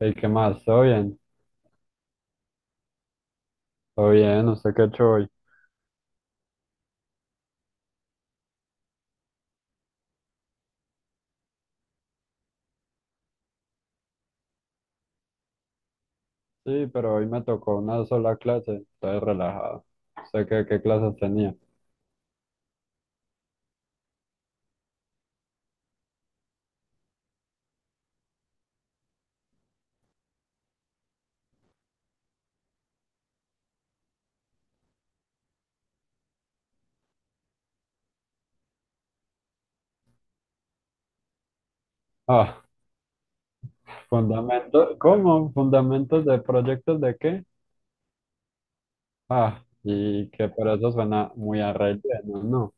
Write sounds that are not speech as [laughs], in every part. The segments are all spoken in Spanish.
¿Y qué más? ¿Todo bien? ¿Todo bien? ¿Usted qué ha hecho hoy? Sí, pero hoy me tocó una sola clase. Estoy relajado. ¿Usted qué clases tenía? Ah, fundamentos. ¿Cómo? ¿Fundamentos de proyectos de qué? Ah, y que por eso suena muy a relleno, ¿no?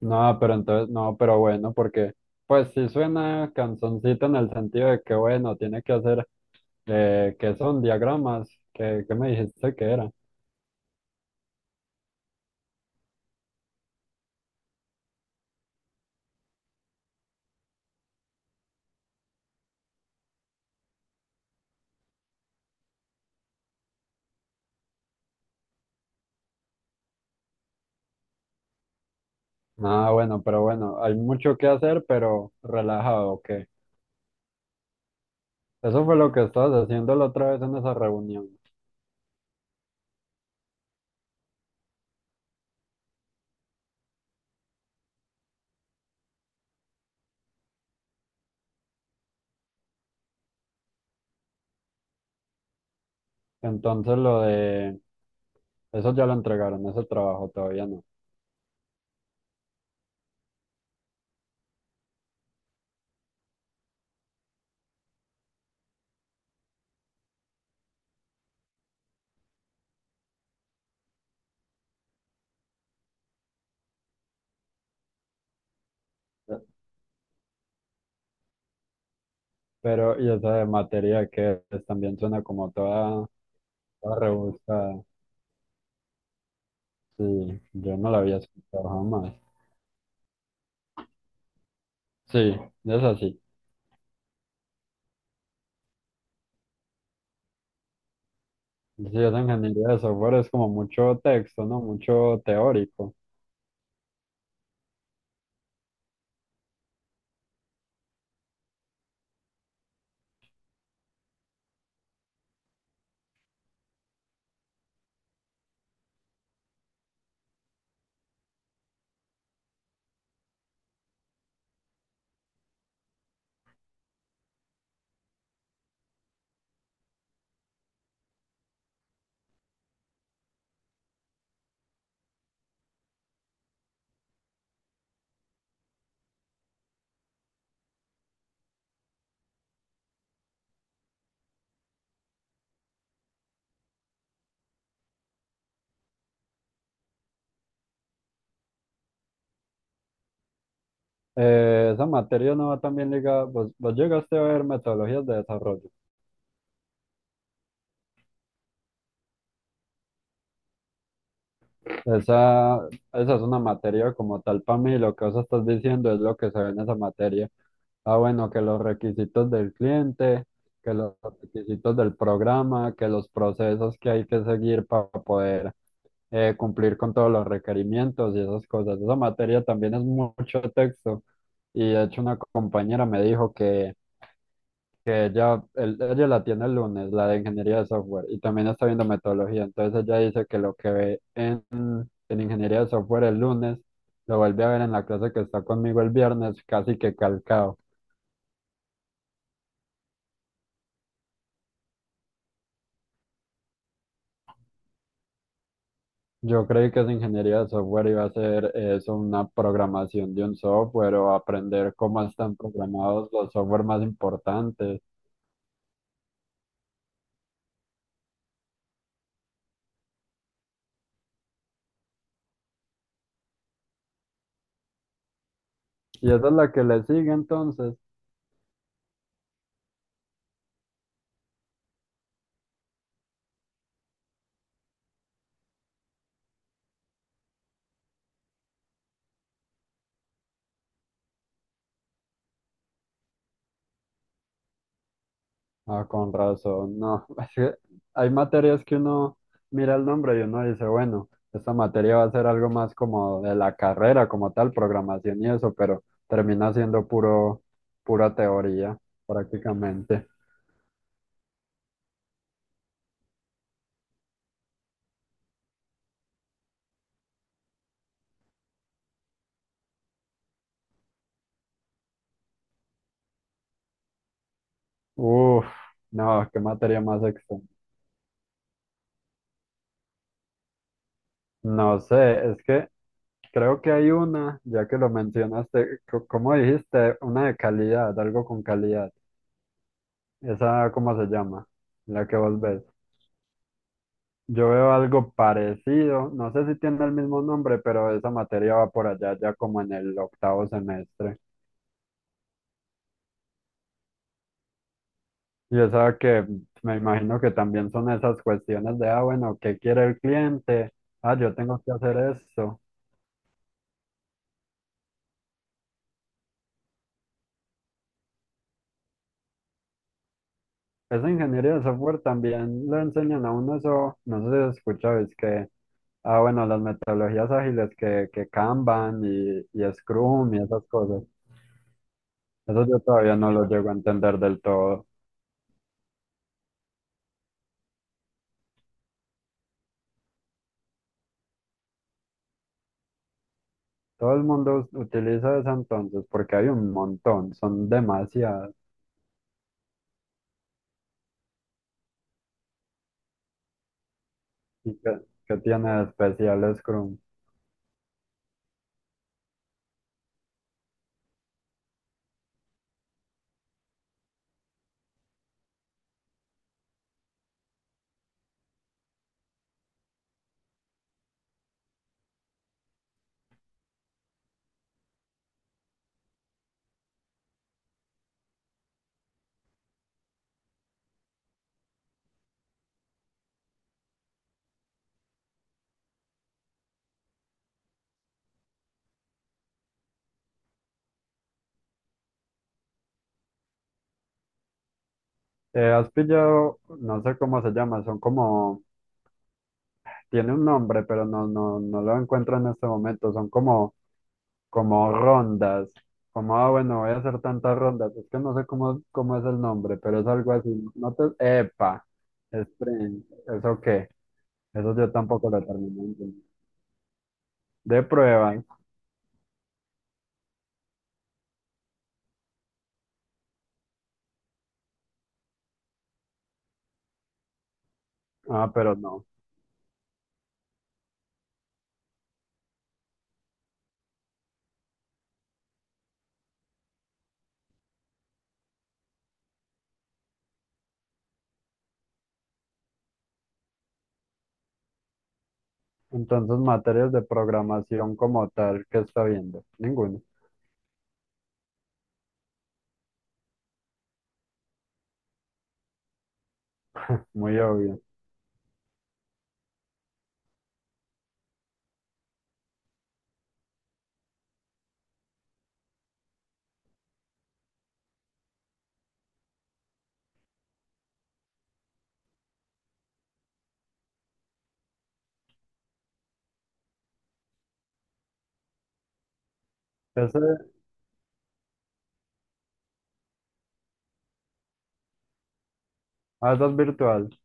Pero bueno, porque pues sí suena canzoncito en el sentido de que bueno, tiene que hacer, que son diagramas, que me dijiste que era. Ah, bueno, pero bueno, hay mucho que hacer, pero relajado, ok. Eso fue lo que estabas haciendo la otra vez en esa reunión. Entonces lo de... Eso ya lo entregaron, ese trabajo todavía no. Eh, Pero, y esa de materia que es, también suena como toda, toda rebuscada. Sí, yo no la había escuchado jamás. Sí, es así. Sí, esa ingeniería de software es como mucho texto, ¿no? Mucho teórico. Esa materia no va también ligada. ¿Vos llegaste a ver metodologías de desarrollo? Esa, esa es una materia como tal para mí, lo que vos estás diciendo es lo que se ve en esa materia. Ah, bueno, que los requisitos del cliente, que los requisitos del programa, que los procesos que hay que seguir para poder cumplir con todos los requerimientos y esas cosas. Esa materia también es mucho texto. Y de hecho una compañera me dijo que ella, ella la tiene el lunes, la de ingeniería de software, y también está viendo metodología. Entonces ella dice que lo que ve en ingeniería de software el lunes, lo vuelve a ver en la clase que está conmigo el viernes, casi que calcado. Yo creí que esa ingeniería de software iba a ser eso, una programación de un software o aprender cómo están programados los software más importantes. Y esa es la que le sigue entonces. Ah, con razón, no. [laughs] Es que hay materias que uno mira el nombre y uno dice, bueno, esta materia va a ser algo más como de la carrera, como tal, programación y eso, pero termina siendo puro, pura teoría, prácticamente. Uf, no, qué materia más extensa. No sé, es que creo que hay una, ya que lo mencionaste, ¿cómo dijiste? Una de calidad, algo con calidad. ¿Esa cómo se llama? La que vos ves. Yo veo algo parecido, no sé si tiene el mismo nombre, pero esa materia va por allá ya como en el octavo semestre. Y esa que me imagino que también son esas cuestiones de, ah, bueno, ¿qué quiere el cliente? Ah, yo tengo que hacer esto. Esa ingeniería de software también le enseñan a uno eso, no sé si lo escuchabais que, ah, bueno, las metodologías ágiles que Kanban y Scrum y esas cosas. Eso yo todavía no lo llego a entender del todo. Todo el mundo utiliza esa entonces porque hay un montón, son demasiadas. ¿Y qué tiene de especial Scrum? Has pillado, no sé cómo se llama, son como, tiene un nombre, pero no lo encuentro en este momento, son como, como rondas, como, ah, bueno, voy a hacer tantas rondas, es que no sé cómo, cómo es el nombre, pero es algo así, no te, epa, sprint, ¿eso qué? Eso yo tampoco lo terminé de entender. De pruebas, ah, pero no. Entonces, materias de programación como tal, ¿qué está viendo? Ninguno, muy obvio. Ese, ah, eso es virtual.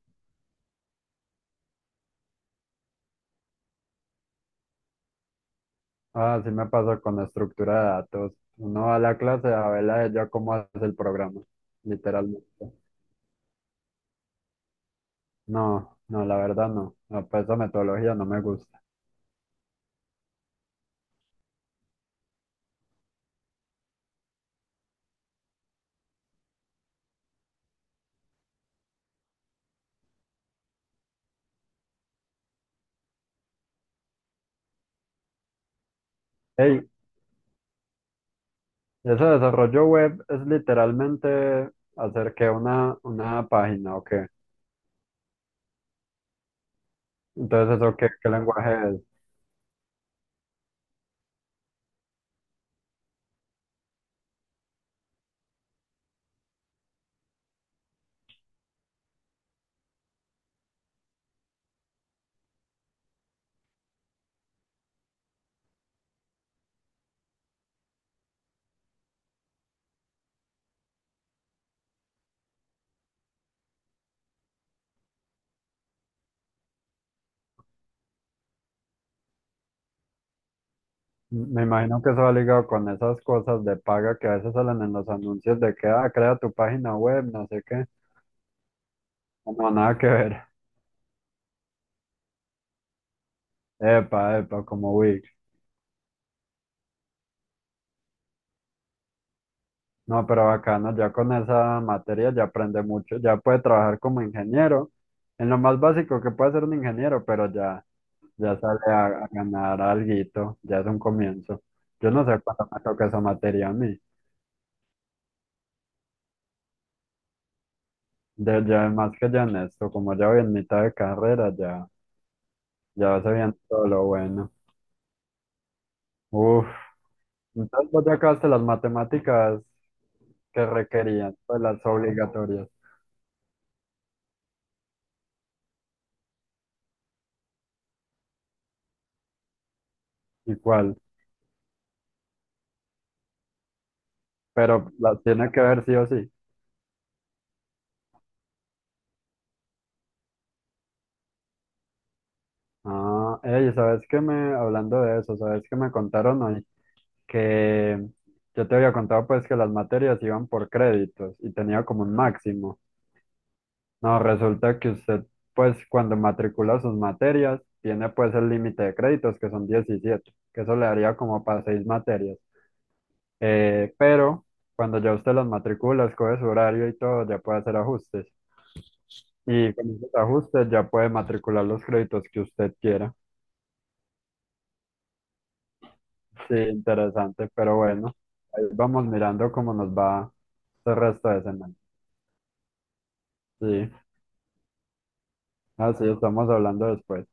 Ah, sí me pasa con la estructura de datos. Uno va a la clase a ver a ella cómo hace el programa, literalmente. No, la verdad no. No, pues esa metodología no me gusta. Hey, ese desarrollo web es literalmente hacer que una página o qué. Entonces, ¿eso qué lenguaje es? Me imagino que eso va ligado con esas cosas de paga que a veces salen en los anuncios de que, ah, crea tu página web, no sé qué. No, nada que ver. [laughs] Epa, epa, como Wix. No, pero bacano, ya con esa materia ya aprende mucho, ya puede trabajar como ingeniero, en lo más básico que puede ser un ingeniero, pero ya, ya sale a ganar alguito, ya es un comienzo. Yo no sé cuánto me toca esa materia a mí. De, ya más que ya en esto, como ya voy en mitad de carrera, ya, ya se viene todo lo bueno. Uf. Entonces vos ya acabaste las matemáticas que requerían, pues las obligatorias. ¿Y cuál? Pero las tiene que ver sí o sí. Ah, ey, ¿sabes qué me, hablando de eso, ¿sabes qué me contaron hoy? Que yo te había contado pues que las materias iban por créditos y tenía como un máximo. No, resulta que usted pues cuando matricula sus materias tiene pues el límite de créditos que son 17 que eso le daría como para seis materias. Pero cuando ya usted las matricula, escoge su horario y todo, ya puede hacer ajustes. Y con esos ajustes ya puede matricular los créditos que usted quiera. Sí, interesante, pero bueno, ahí vamos mirando cómo nos va el resto de semana. Sí, así estamos hablando después.